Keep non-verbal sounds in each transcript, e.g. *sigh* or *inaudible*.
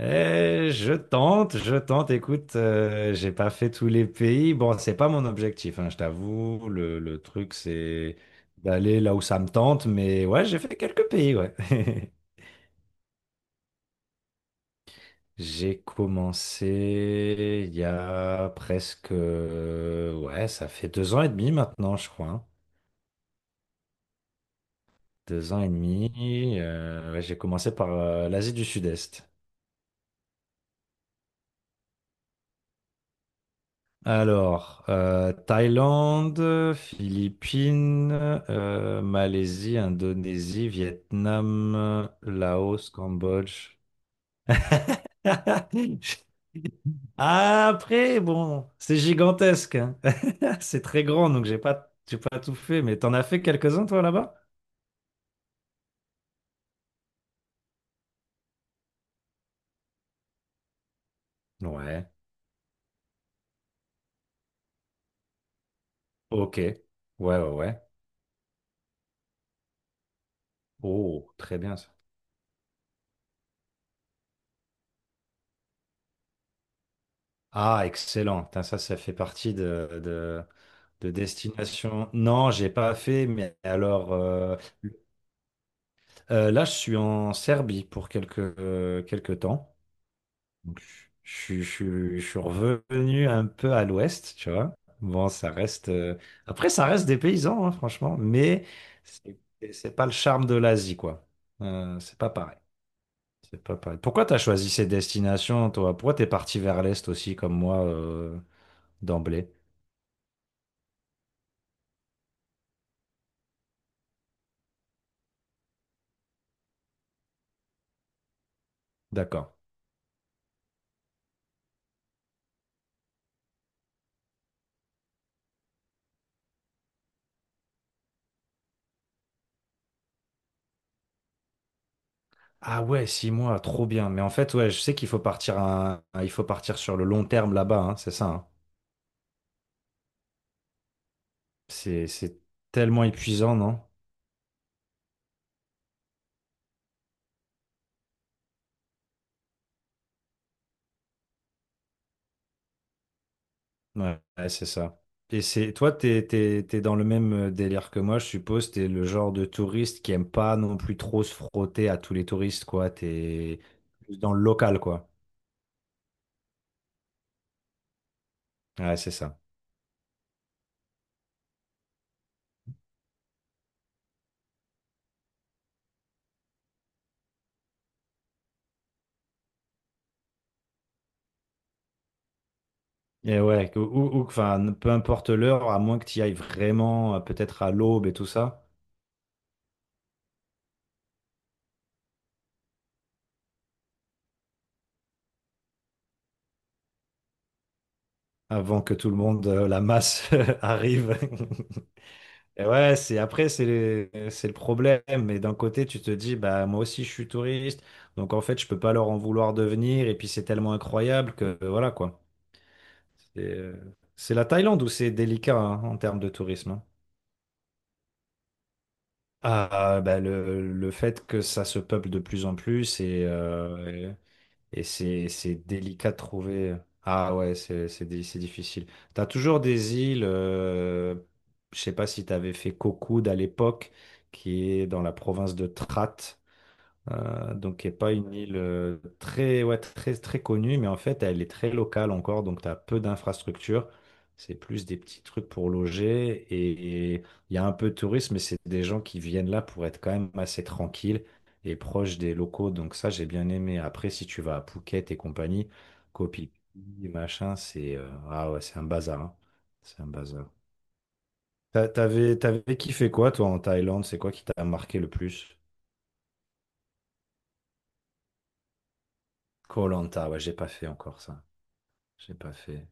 Eh, je tente, je tente. Écoute, j'ai pas fait tous les pays. Bon, c'est pas mon objectif, hein, je t'avoue. Le truc, c'est d'aller là où ça me tente. Mais ouais, j'ai fait quelques pays, ouais. *laughs* J'ai commencé il y a presque, ouais, ça fait 2 ans et demi maintenant, je crois, hein. 2 ans et demi. Ouais, j'ai commencé par l'Asie du Sud-Est. Alors, Thaïlande, Philippines, Malaisie, Indonésie, Vietnam, Laos, Cambodge. *laughs* Après, bon, c'est gigantesque, hein. *laughs* C'est très grand, donc j'ai pas tout fait. Mais t'en as fait quelques-uns, toi, là-bas? Ouais. Ok. Ouais, ouais, ouais. Oh, très bien ça. Ah, excellent. Putain, ça fait partie de, de destination. Non, j'ai pas fait, mais alors là, je suis en Serbie pour quelques temps. Donc, je suis revenu un peu à l'ouest, tu vois. Bon, ça reste. Après, ça reste des paysans, hein, franchement, mais c'est c'est pas le charme de l'Asie, quoi. C'est pas pareil. C'est pas pareil. Pourquoi t'as choisi ces destinations, toi? Pourquoi t'es parti vers l'est aussi, comme moi, d'emblée? D'accord. Ah ouais, 6 mois, trop bien. Mais en fait, ouais, je sais qu'il faut partir il faut partir sur le long terme là-bas, hein, c'est ça, hein. C'est tellement épuisant, non? Ouais, ouais, c'est ça. Et c'est toi, t'es dans le même délire que moi, je suppose. T'es le genre de touriste qui aime pas non plus trop se frotter à tous les touristes, quoi. T'es plus dans le local, quoi. Ouais, c'est ça. Et ouais, enfin, peu importe l'heure, à moins que tu y ailles vraiment, peut-être à l'aube et tout ça. Avant que tout le monde, la masse *laughs* arrive. *laughs* Et ouais, c'est après, c'est le problème. Mais d'un côté, tu te dis, bah moi aussi, je suis touriste, donc en fait, je peux pas leur en vouloir de venir. Et puis, c'est tellement incroyable que voilà quoi. C'est euh, c'est la Thaïlande où c'est délicat, hein, en termes de tourisme, hein. Ah, bah, le fait que ça se peuple de plus en plus et, et c'est délicat de trouver. Ah ouais, c'est difficile. T'as toujours des îles, je sais pas si t'avais fait Cocoud à l'époque, qui est dans la province de Trat. Donc, qui n'est pas une île très, ouais, très, très connue, mais en fait, elle est très locale encore, donc tu as peu d'infrastructures. C'est plus des petits trucs pour loger et il y a un peu de tourisme, mais c'est des gens qui viennent là pour être quand même assez tranquilles et proches des locaux. Donc ça, j'ai bien aimé. Après, si tu vas à Phuket et compagnie, Koh Phi Phi, machin, c'est, ah ouais, c'est un bazar, hein. C'est un bazar. T'avais kiffé quoi, toi, en Thaïlande? C'est quoi qui t'a marqué le plus? Koh Lanta, ouais, j'ai pas fait encore ça. J'ai pas fait.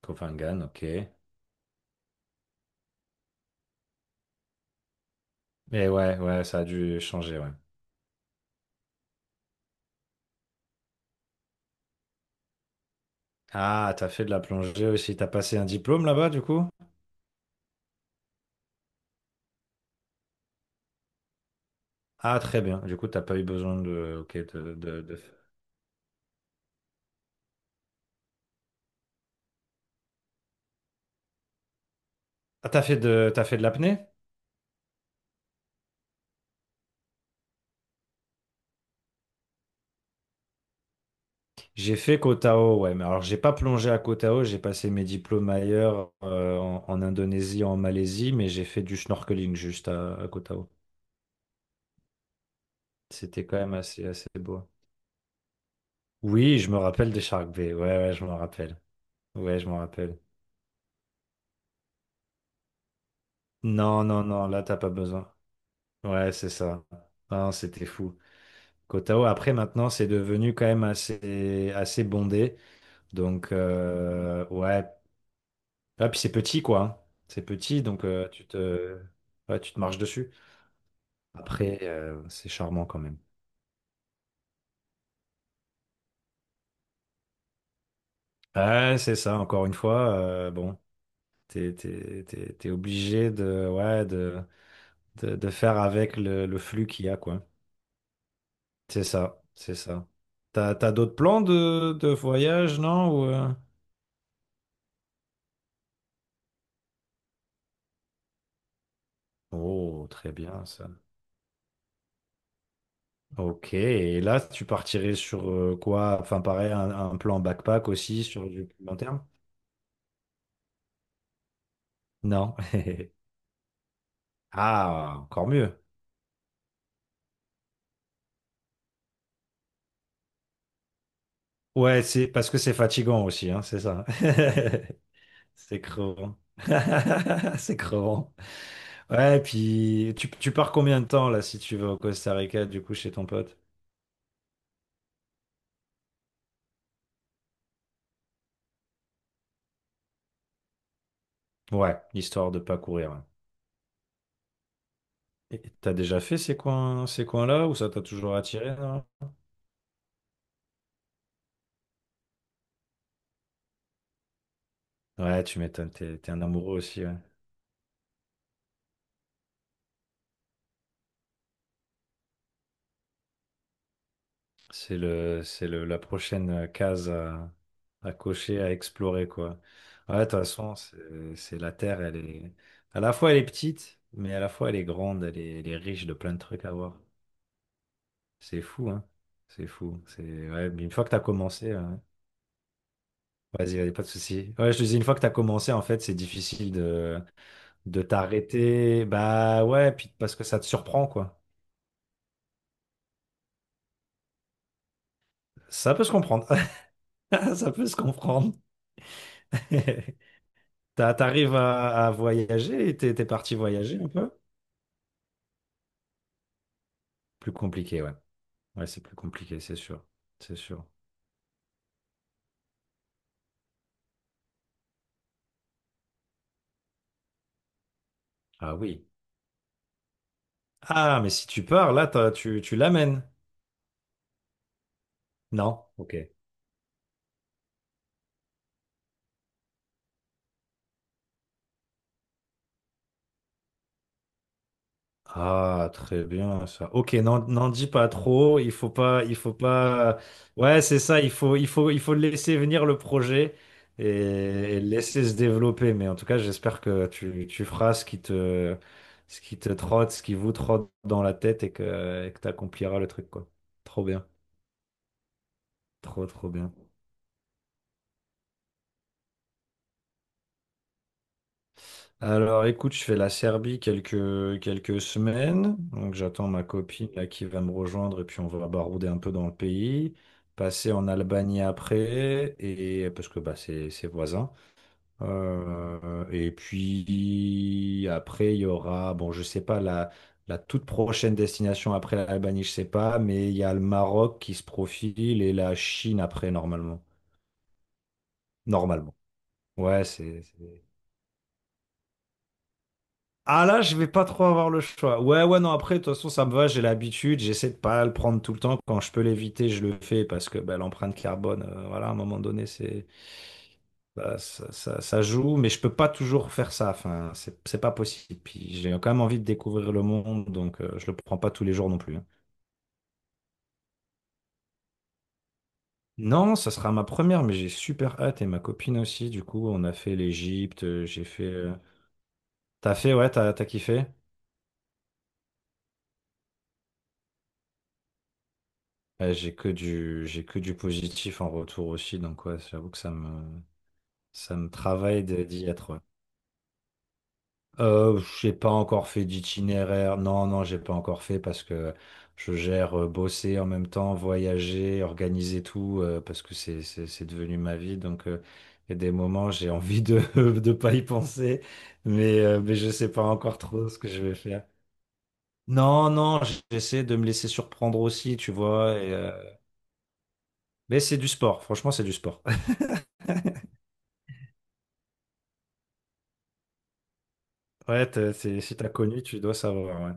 Copenhague, ok. Mais ouais, ouais, ça a dû changer, ouais. Ah, t'as fait de la plongée aussi. T'as passé un diplôme là-bas, du coup? Ah, très bien. Du coup, t'as pas eu besoin de. Ok, Ah, t'as fait de l'apnée? J'ai fait Koh Tao, ouais. Mais alors, j'ai pas plongé à Koh Tao. J'ai passé mes diplômes ailleurs, en Indonésie, en Malaisie, mais j'ai fait du snorkeling juste à Koh Tao. C'était quand même assez, assez beau. Oui, je me rappelle des Shark Bay. Ouais, ouais, je m'en rappelle. Ouais, je m'en rappelle. Non, non, non, là, t'as pas besoin. Ouais, c'est ça. Non, c'était fou. Kotao, après, maintenant, c'est devenu quand même assez, assez bondé. Donc, ouais. Ah, puis c'est petit, quoi, hein. C'est petit, donc ouais, tu te marches dessus. Après, c'est charmant quand même. Ouais, c'est ça, encore une fois. Bon, t'es obligé ouais, de, de faire avec le flux qu'il y a, quoi. C'est ça, c'est ça. T'as d'autres plans de voyage, non? Oh, très bien, ça. Ok, et là, tu partirais sur quoi? Enfin, pareil, un plan backpack aussi sur du plus long terme? Non. *laughs* Ah, encore mieux. Ouais, c'est parce que c'est fatigant aussi, hein, c'est ça. *laughs* C'est crevant. *laughs* C'est crevant. Ouais, et puis tu pars combien de temps là si tu vas au Costa Rica, du coup, chez ton pote? Ouais, histoire de pas courir, hein. Et t'as déjà fait ces coins, ces coins-là ou ça t'a toujours attiré, non? Ouais, tu m'étonnes, t'es un amoureux aussi, ouais. La prochaine case à cocher, à explorer, quoi. Ouais, de toute façon, c'est la Terre, elle est. À la fois, elle est petite, mais à la fois, elle est grande, elle est riche de plein de trucs à voir. C'est fou, hein? C'est fou. C'est. Ouais, mais une fois que t'as commencé, ouais. Vas-y, vas-y, pas de souci. Ouais, je te dis, une fois que t'as commencé, en fait, c'est difficile de t'arrêter. Bah ouais, puis parce que ça te surprend, quoi. Ça peut se comprendre. *laughs* Ça peut se comprendre. *laughs* T'arrives à voyager? T'es parti voyager un peu? Plus compliqué, ouais. Ouais, c'est plus compliqué, c'est sûr. C'est sûr. Ah oui. Ah, mais si tu pars, là, tu l'amènes. Non? Ok. Ah, très bien ça. Ok, n'en dis pas trop. Il faut pas, il faut pas. Ouais, c'est ça. Il faut laisser venir le projet et le laisser se développer. Mais en tout cas, j'espère que tu feras ce qui te, trotte, ce qui vous trotte dans la tête et que tu accompliras le truc, quoi. Trop bien, trop, trop bien. Alors écoute, je fais la Serbie quelques semaines. Donc j'attends ma copine là qui va me rejoindre et puis on va barouder un peu dans le pays. Passer en Albanie après, et parce que bah, c'est voisin. Et puis après, il y aura, bon, je sais pas, la toute prochaine destination après l'Albanie, je sais pas, mais il y a le Maroc qui se profile et la Chine après, normalement. Normalement. Ouais, c'est. Ah là, je vais pas trop avoir le choix. Ouais, ouais, non, après, de toute façon, ça me va, j'ai l'habitude, j'essaie de pas le prendre tout le temps. Quand je peux l'éviter, je le fais parce que bah, l'empreinte carbone, voilà, à un moment donné, c'est bah, ça joue, mais je peux pas toujours faire ça. Enfin, c'est pas possible. Puis j'ai quand même envie de découvrir le monde, donc je le prends pas tous les jours non plus, hein. Non, ça sera ma première, mais j'ai super hâte et ma copine aussi. Du coup, on a fait l'Égypte, j'ai fait. T'as fait, ouais, t'as kiffé? Ouais, j'ai que du positif en retour aussi, donc ouais, j'avoue que ça me travaille d'y être, ouais. J'ai pas encore fait d'itinéraire, non, non, j'ai pas encore fait parce que je gère bosser en même temps, voyager, organiser tout, parce que c'est devenu ma vie, donc il y a des moments j'ai envie *laughs* de pas y penser, mais je sais pas encore trop ce que je vais faire. Non, non, j'essaie de me laisser surprendre aussi, tu vois, mais c'est du sport, franchement, c'est du sport. Ouais, si t'as connu, tu dois savoir, ouais.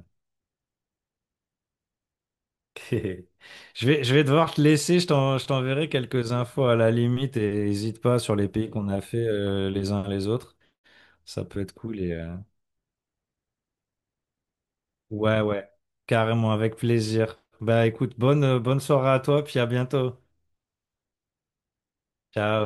*laughs* Je vais devoir te laisser, je t'enverrai quelques infos à la limite et n'hésite pas sur les pays qu'on a fait les uns les autres. Ça peut être cool et ouais, ouais, carrément avec plaisir. Bah écoute, bonne soirée à toi, puis à bientôt. Ciao.